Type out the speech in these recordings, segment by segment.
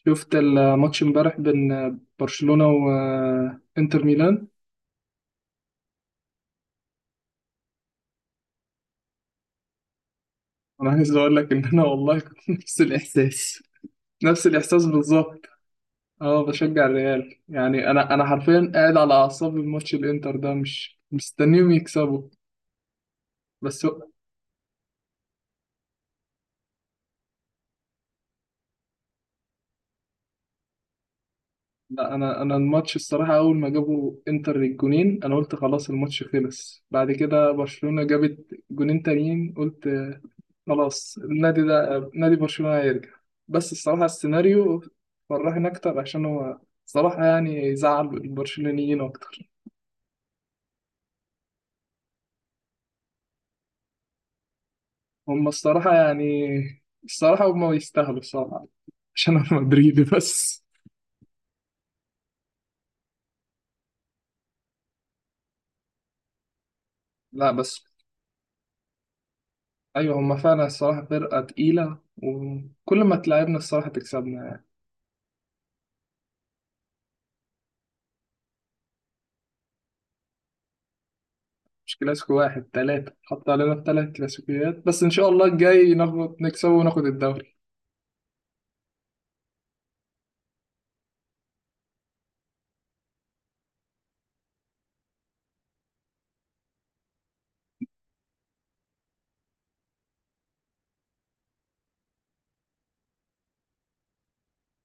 شفت الماتش امبارح بين برشلونة وانتر ميلان. انا عايز اقول لك ان انا والله كنت نفس الاحساس نفس الاحساس بالظبط. اه، بشجع الريال، يعني انا حرفيا قاعد على اعصاب الماتش الانتر ده، مش مستنيهم يكسبوا. بس لا، انا الماتش الصراحه، اول ما جابوا انتر الجونين انا قلت خلاص الماتش خلص، بعد كده برشلونه جابت جونين تانيين قلت خلاص النادي ده نادي برشلونه هيرجع. بس الصراحه السيناريو فرحني اكتر عشان هو صراحه يعني زعل البرشلونيين اكتر. هم الصراحه يعني الصراحه هم يستاهلوا الصراحه عشان انا مدريدي. بس لا بس، ايوه هم فعلا الصراحه فرقه تقيله، وكل ما تلعبنا الصراحه تكسبنا. مش كلاسيكو 1-3 حط علينا في ثلاث كلاسيكيات، بس إن شاء الله الجاي ناخد نكسبه وناخد الدوري.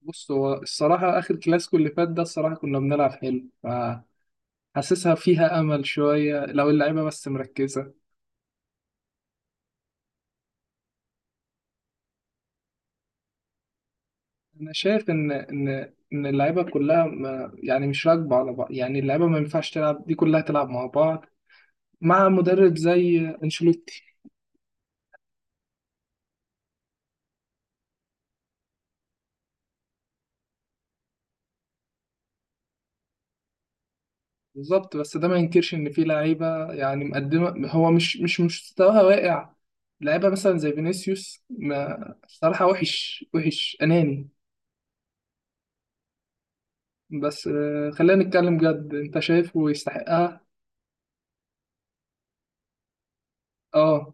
بص، هو الصراحة آخر كلاسيكو اللي فات ده الصراحة كنا بنلعب حلو، فحاسسها فيها أمل شوية لو اللعيبة بس مركزة. أنا شايف إن اللعيبة كلها ما يعني مش راكبة على بعض، يعني اللعيبة ما ينفعش تلعب دي كلها تلعب مع بعض مع مدرب زي أنشيلوتي. بالظبط، بس ده ما ينكرش ان في لعيبه يعني مقدمه هو مش مستواها واقع. لعيبه مثلا زي فينيسيوس ما صراحه وحش وحش اناني. بس خلينا نتكلم جد، انت شايفه يستحقها؟ اه،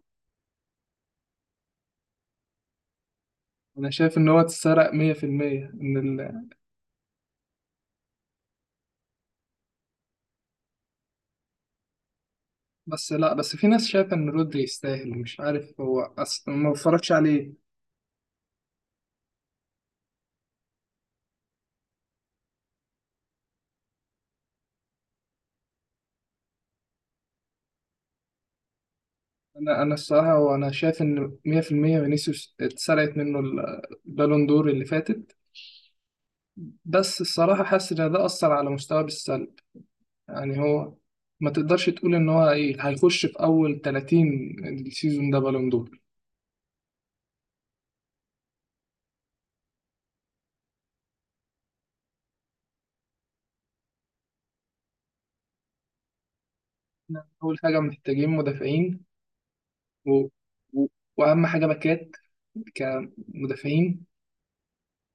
انا شايف ان هو اتسرق 100% ان بس لا بس، في ناس شايفه ان رودري يستاهل. مش عارف، هو ما بتفرجش عليه. انا الصراحه، وانا شايف ان 100% فينيسيوس اتسرقت منه البالون دور اللي فاتت. بس الصراحة حاسس إن ده أثر على مستواه بالسلب، يعني هو ما تقدرش تقول إن هو إيه هيخش في أول 30 السيزون ده بالون دور. إحنا أول حاجة محتاجين مدافعين، و... و... وأهم حاجة باكات كمدافعين،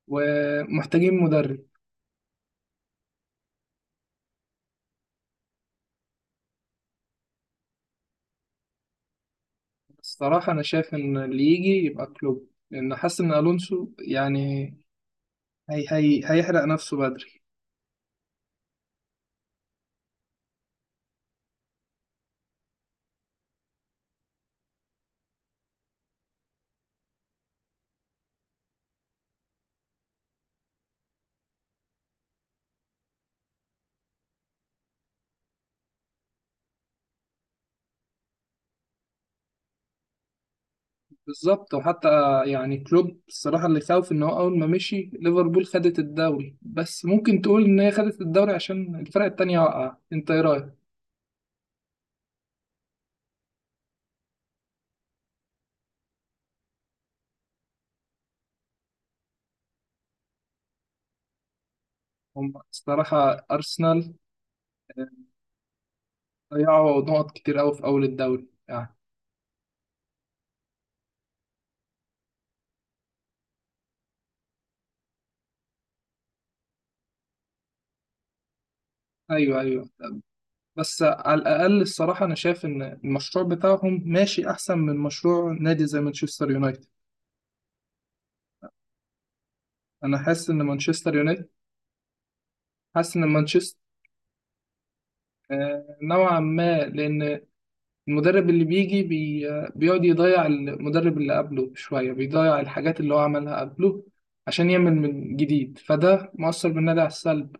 ومحتاجين مدرب. الصراحة أنا شايف إن اللي يجي يبقى كلوب، لأن حاسس إن ألونسو يعني هيحرق نفسه بدري. بالظبط، وحتى يعني كلوب الصراحة اللي خاوف إن هو أول ما مشي ليفربول خدت الدوري، بس ممكن تقول إن هي خدت الدوري عشان الفرق التانية وقع. أنت إيه رأيك؟ هم الصراحة أرسنال آه، ضيعوا نقط كتير أوي في أول الدوري يعني. أيوه، أيوه. بس على الأقل الصراحة أنا شايف إن المشروع بتاعهم ماشي أحسن من مشروع نادي زي مانشستر يونايتد. أنا حاسس إن مانشستر يونايتد، حاسس إن مانشستر نوعا ما، لأن المدرب اللي بيجي بيقعد يضيع المدرب اللي قبله شوية، بيضيع الحاجات اللي هو عملها قبله عشان يعمل من جديد، فده مؤثر بالنادي على السلب.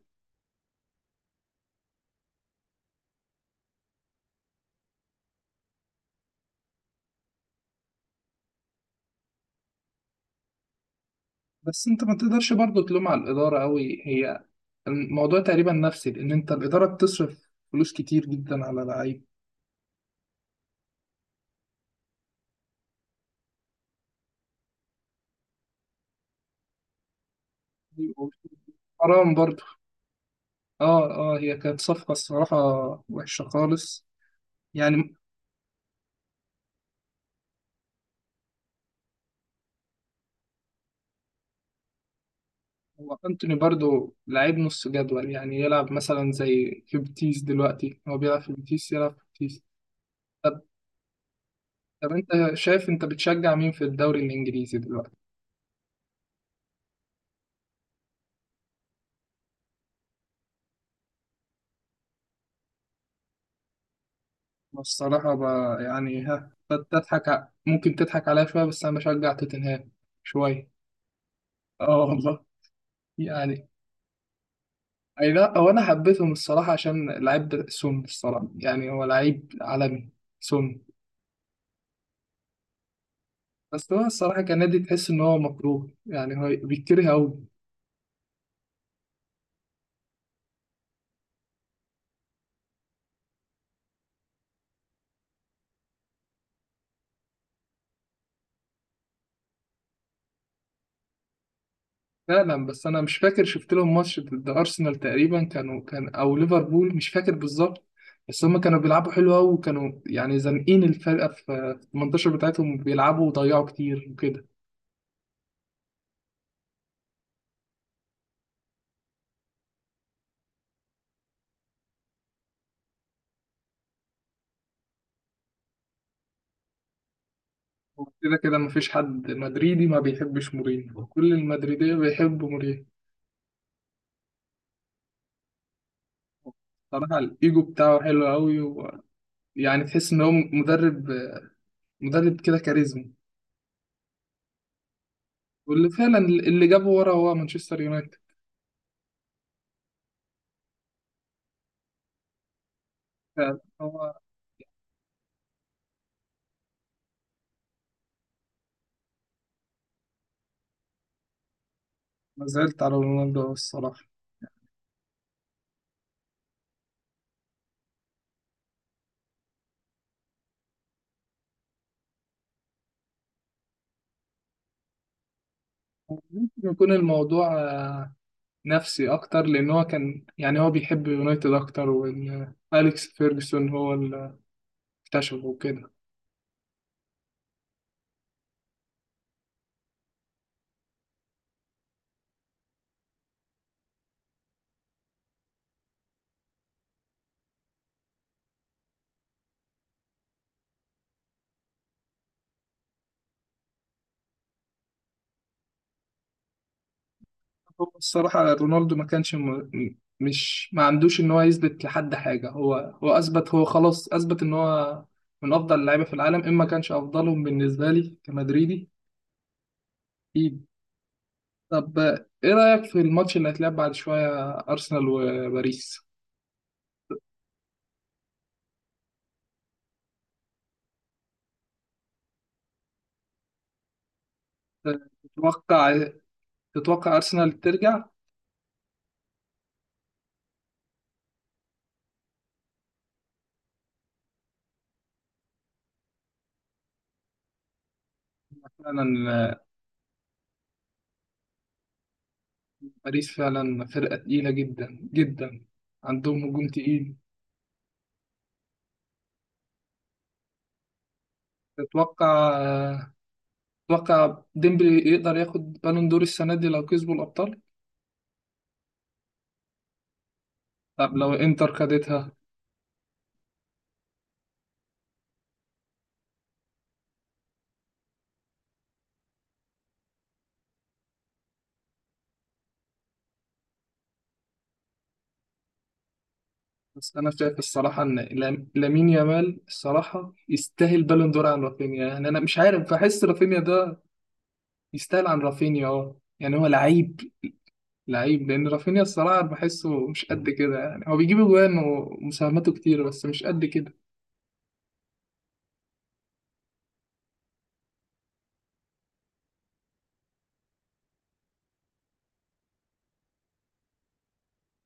بس انت ما تقدرش برضه تلوم على الإدارة أوي. هي الموضوع تقريبا نفسي، لأن انت الإدارة بتصرف فلوس كتير جدا على لعيب. حرام برضه. اه، اه، هي كانت صفقة الصراحة وحشة خالص. يعني هو أنتوني برضو لعيب نص جدول، يعني يلعب مثلا زي في بيتيس دلوقتي، هو بيلعب في بيتيس يلعب في بيتيس. طب طب أنت شايف، أنت بتشجع مين في الدوري الإنجليزي دلوقتي؟ والصراحة يعني ها تضحك ممكن تضحك عليا شوية، بس أنا بشجع توتنهام شوية. آه والله يعني أي، لا هو أنا حبيتهم الصراحة عشان لعيب سون. الصراحة يعني هو لعيب عالمي، سون. بس هو الصراحة كان نادي تحس إن هو مكروه، يعني هو بيتكره أوي. فعلا، بس انا مش فاكر شفت لهم ماتش ضد ارسنال تقريبا كانوا، كان او ليفربول مش فاكر بالظبط، بس هم كانوا بيلعبوا حلو قوي، وكانوا يعني زانقين الفرقه في المنتشر بتاعتهم، بيلعبوا وضيعوا كتير وكده. وكده كده مفيش حد مدريدي ما بيحبش مورينيو، كل المدريديه بيحبوا مورينيو. صراحه الايجو بتاعه حلو قوي، ويعني تحس ان هو مدرب، مدرب كده كاريزما. واللي فعلا اللي جابه ورا هو مانشستر يونايتد. فعلا هو. ما زعلت على رونالدو الصراحه. ممكن يكون الموضوع نفسي أكتر، لأن هو كان يعني هو بيحب يونايتد أكتر، وإن أليكس فيرجسون هو اللي اكتشفه وكده. هو الصراحة رونالدو ما كانش مش ما عندوش إن هو يثبت لحد حاجة، هو أثبت، هو خلاص أثبت إن هو من أفضل اللعيبة في العالم، إما كانش أفضلهم بالنسبة لي كمدريدي. أكيد. طب إيه رأيك في الماتش اللي هيتلعب بعد شوية أرسنال وباريس؟ تتوقع تتوقع أرسنال ترجع؟ فعلا، باريس فعلا فرقة تقيلة جدا جدا، عندهم هجوم تقيل. تتوقع تتوقع ديمبلي يقدر ياخد بالون دور السنة دي لو كسبوا الأبطال؟ طب لو إنتر خدتها. بس أنا شايف الصراحة إن لامين يامال الصراحة يستاهل بالون دور عن رافينيا، يعني أنا مش عارف، بحس رافينيا ده يستاهل عن رافينيا. أه، يعني هو لعيب لأن رافينيا الصراحة بحسه مش قد كده، يعني هو بيجيب أجوان ومساهماته كتير بس مش قد كده.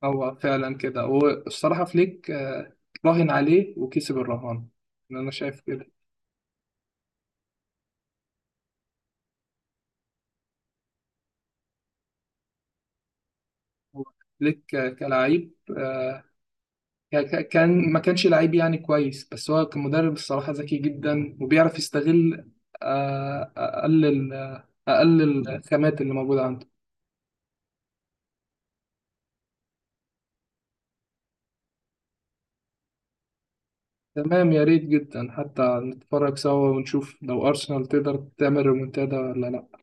هو فعلا كده، والصراحة فليك راهن عليه وكسب الرهان، أنا شايف كده. هو فليك كلاعب آه، كان ما كانش لعيب يعني كويس، بس هو كمدرب الصراحة ذكي جدا وبيعرف يستغل أقل أقل الخامات اللي موجودة عنده. تمام يا ريت جدا، حتى نتفرج سوا ونشوف لو أرسنال تقدر تعمل ريمونتادا ولا لأ.